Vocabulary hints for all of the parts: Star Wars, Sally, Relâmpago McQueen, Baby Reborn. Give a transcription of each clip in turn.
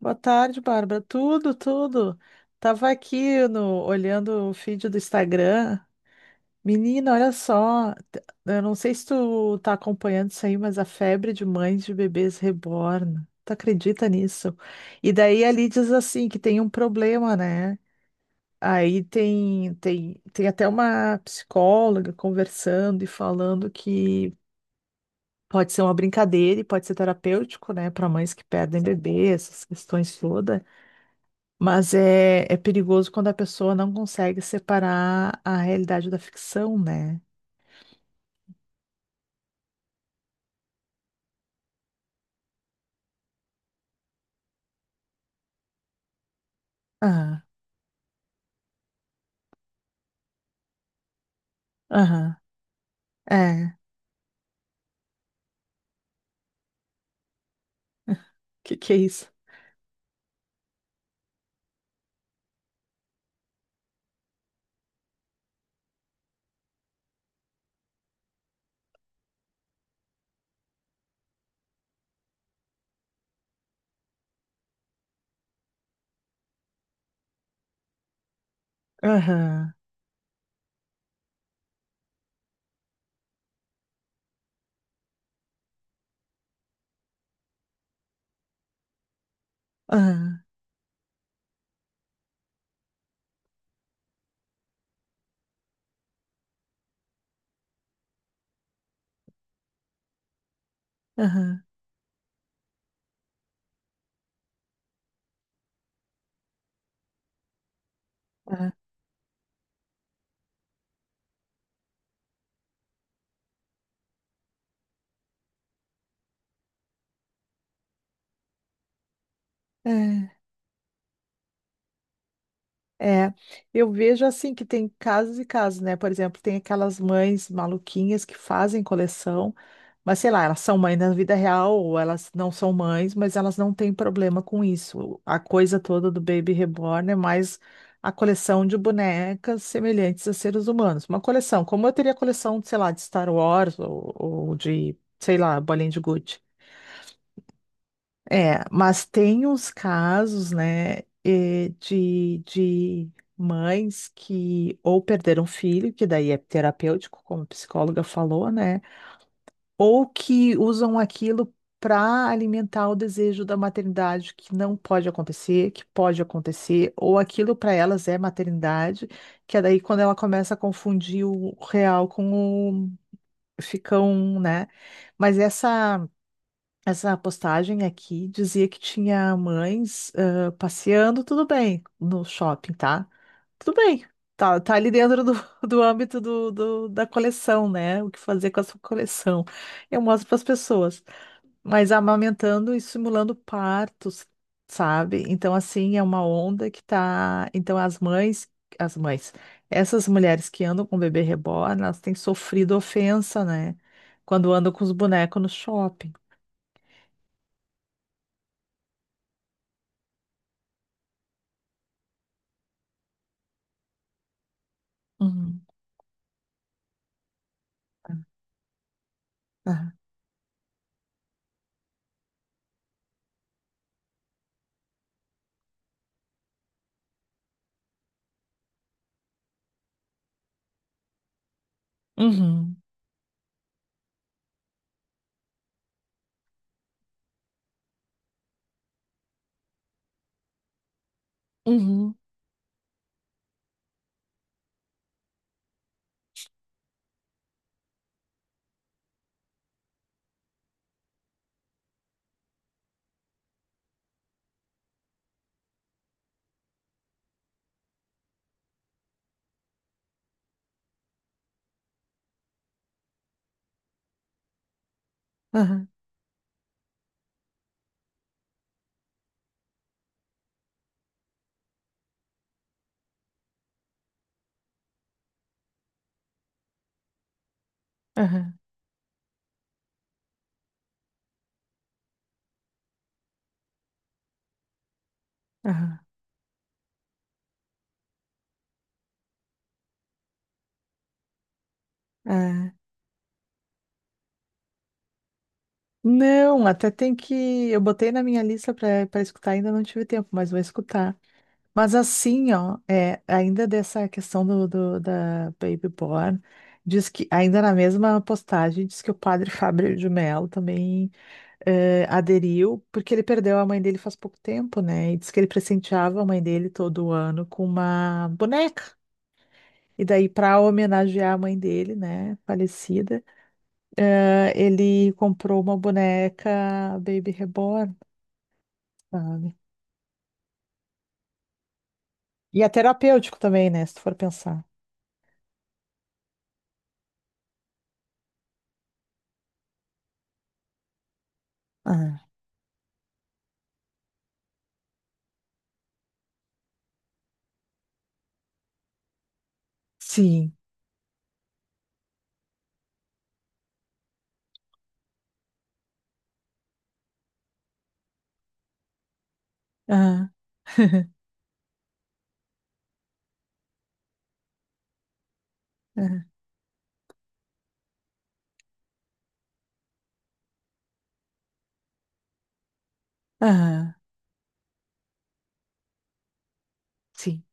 Boa tarde, Bárbara. Tudo, tudo. Tava aqui no, olhando o feed do Instagram. Menina, olha só. Eu não sei se tu tá acompanhando isso aí, mas a febre de mães de bebês reborn. Tu acredita nisso? E daí ali diz assim que tem um problema, né? Aí tem até uma psicóloga conversando e falando que pode ser uma brincadeira e pode ser terapêutico, né, para mães que perdem bebê, essas questões todas. Mas é perigoso quando a pessoa não consegue separar a realidade da ficção, né? Aham, aham, é. Que é isso? Aham, aham, aham, aham, é. É, eu vejo assim que tem casos e casos, né? Por exemplo, tem aquelas mães maluquinhas que fazem coleção. Mas sei lá, elas são mães na vida real ou elas não são mães, mas elas não têm problema com isso. A coisa toda do Baby Reborn é mais a coleção de bonecas semelhantes a seres humanos. Uma coleção, como eu teria coleção, sei lá, de Star Wars ou de, sei lá, bolinha de gude. É, mas tem uns casos, né, de mães que ou perderam filho, que daí é terapêutico, como a psicóloga falou, né? Ou que usam aquilo para alimentar o desejo da maternidade, que não pode acontecer, que pode acontecer, ou aquilo para elas é maternidade, que é daí quando ela começa a confundir o real com o ficam, né? Mas essa postagem aqui dizia que tinha mães passeando, tudo bem, no shopping, tá? Tudo bem, tá ali dentro do, do âmbito da coleção, né? O que fazer com essa coleção. Eu mostro para as pessoas. Mas amamentando e simulando partos, sabe? Então, assim, é uma onda que tá. Então, as mães, essas mulheres que andam com bebê reborn, elas têm sofrido ofensa, né? Quando andam com os bonecos no shopping. Uhum. Aham. Uhum. Uhum. Aham. Aham. Aham. É. Não, até tem que. Eu botei na minha lista para escutar, ainda não tive tempo, mas vou escutar. Mas assim, ó, é, ainda dessa questão do, da Baby Born, diz que, ainda na mesma postagem, diz que o padre Fábio de Mello também aderiu, porque ele perdeu a mãe dele faz pouco tempo, né? E diz que ele presenteava a mãe dele todo ano com uma boneca. E daí, para homenagear a mãe dele, né, falecida, ele comprou uma boneca Baby Reborn, sabe? E é terapêutico também, né, se tu for pensar. Ah, sim. Ah, ah, ah, sim.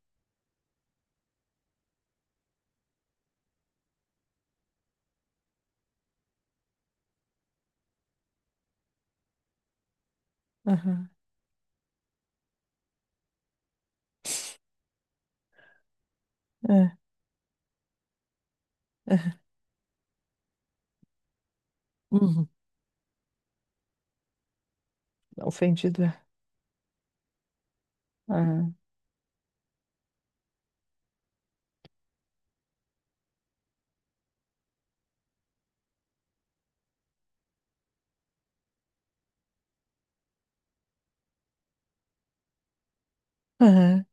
Aham. Ah, uhum. Ofendido. É. Ah, aham.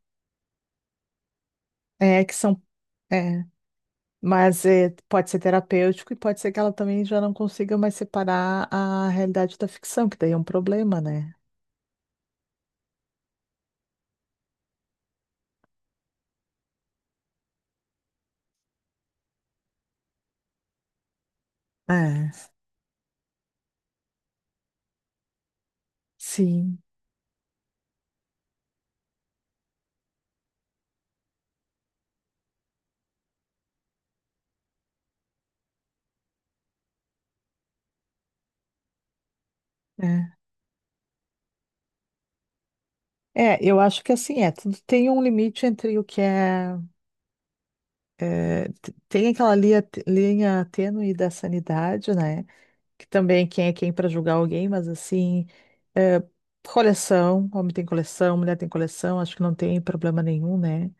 É que são. É, mas pode ser terapêutico e pode ser que ela também já não consiga mais separar a realidade da ficção, que daí é um problema, né? É. Sim, é. É, eu acho que assim é, tudo tem um limite entre o que é, tem aquela linha tênue da sanidade, né? Que também quem é quem para julgar alguém, mas assim, coleção, homem tem coleção, mulher tem coleção, acho que não tem problema nenhum, né?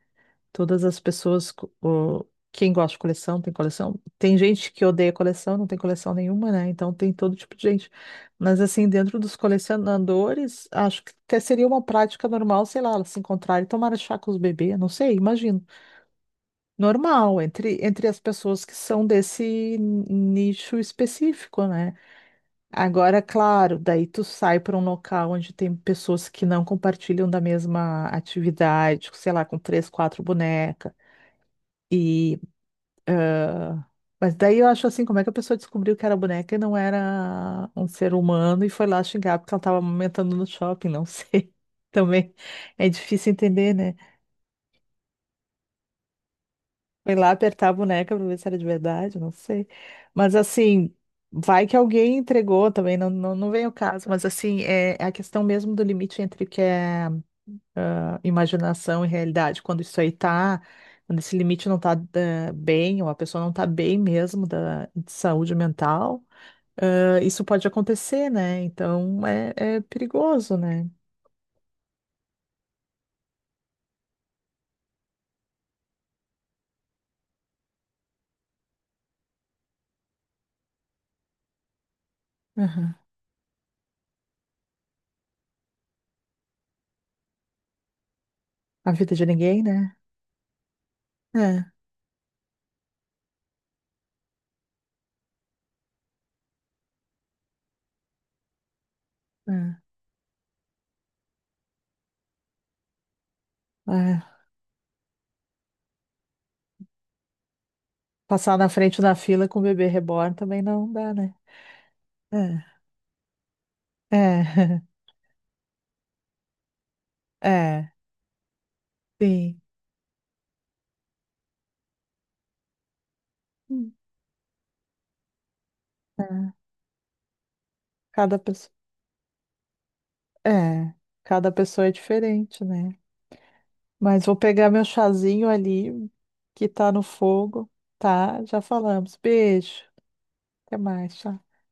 Todas as pessoas, quem gosta de coleção. Tem gente que odeia coleção, não tem coleção nenhuma, né? Então tem todo tipo de gente. Mas assim, dentro dos colecionadores, acho que até seria uma prática normal, sei lá, elas se encontrarem e tomar chá com os bebês, não sei, imagino. Normal, entre as pessoas que são desse nicho específico, né? Agora, claro, daí tu sai para um local onde tem pessoas que não compartilham da mesma atividade, sei lá, com três, quatro bonecas. E Mas daí eu acho assim, como é que a pessoa descobriu que era boneca e não era um ser humano e foi lá xingar porque ela estava amamentando no shopping, não sei. Também é difícil entender, né? Foi lá apertar a boneca para ver se era de verdade, não sei. Mas assim, vai que alguém entregou também, não, não, não vem o caso, mas assim, é a questão mesmo do limite entre o que é imaginação e realidade. Quando isso aí tá, quando esse limite não tá bem, ou a pessoa não tá bem mesmo de saúde mental. Isso pode acontecer, né? Então é perigoso, né? Aham. A vida de ninguém, né? É, é, é. Passar na frente da fila com o bebê reborn também não dá, né? É, é, é, sim. Hum. É. Cada pessoa, é, cada pessoa é diferente, né? Mas vou pegar meu chazinho ali que tá no fogo, tá? Já falamos. Beijo. Até mais, tchau.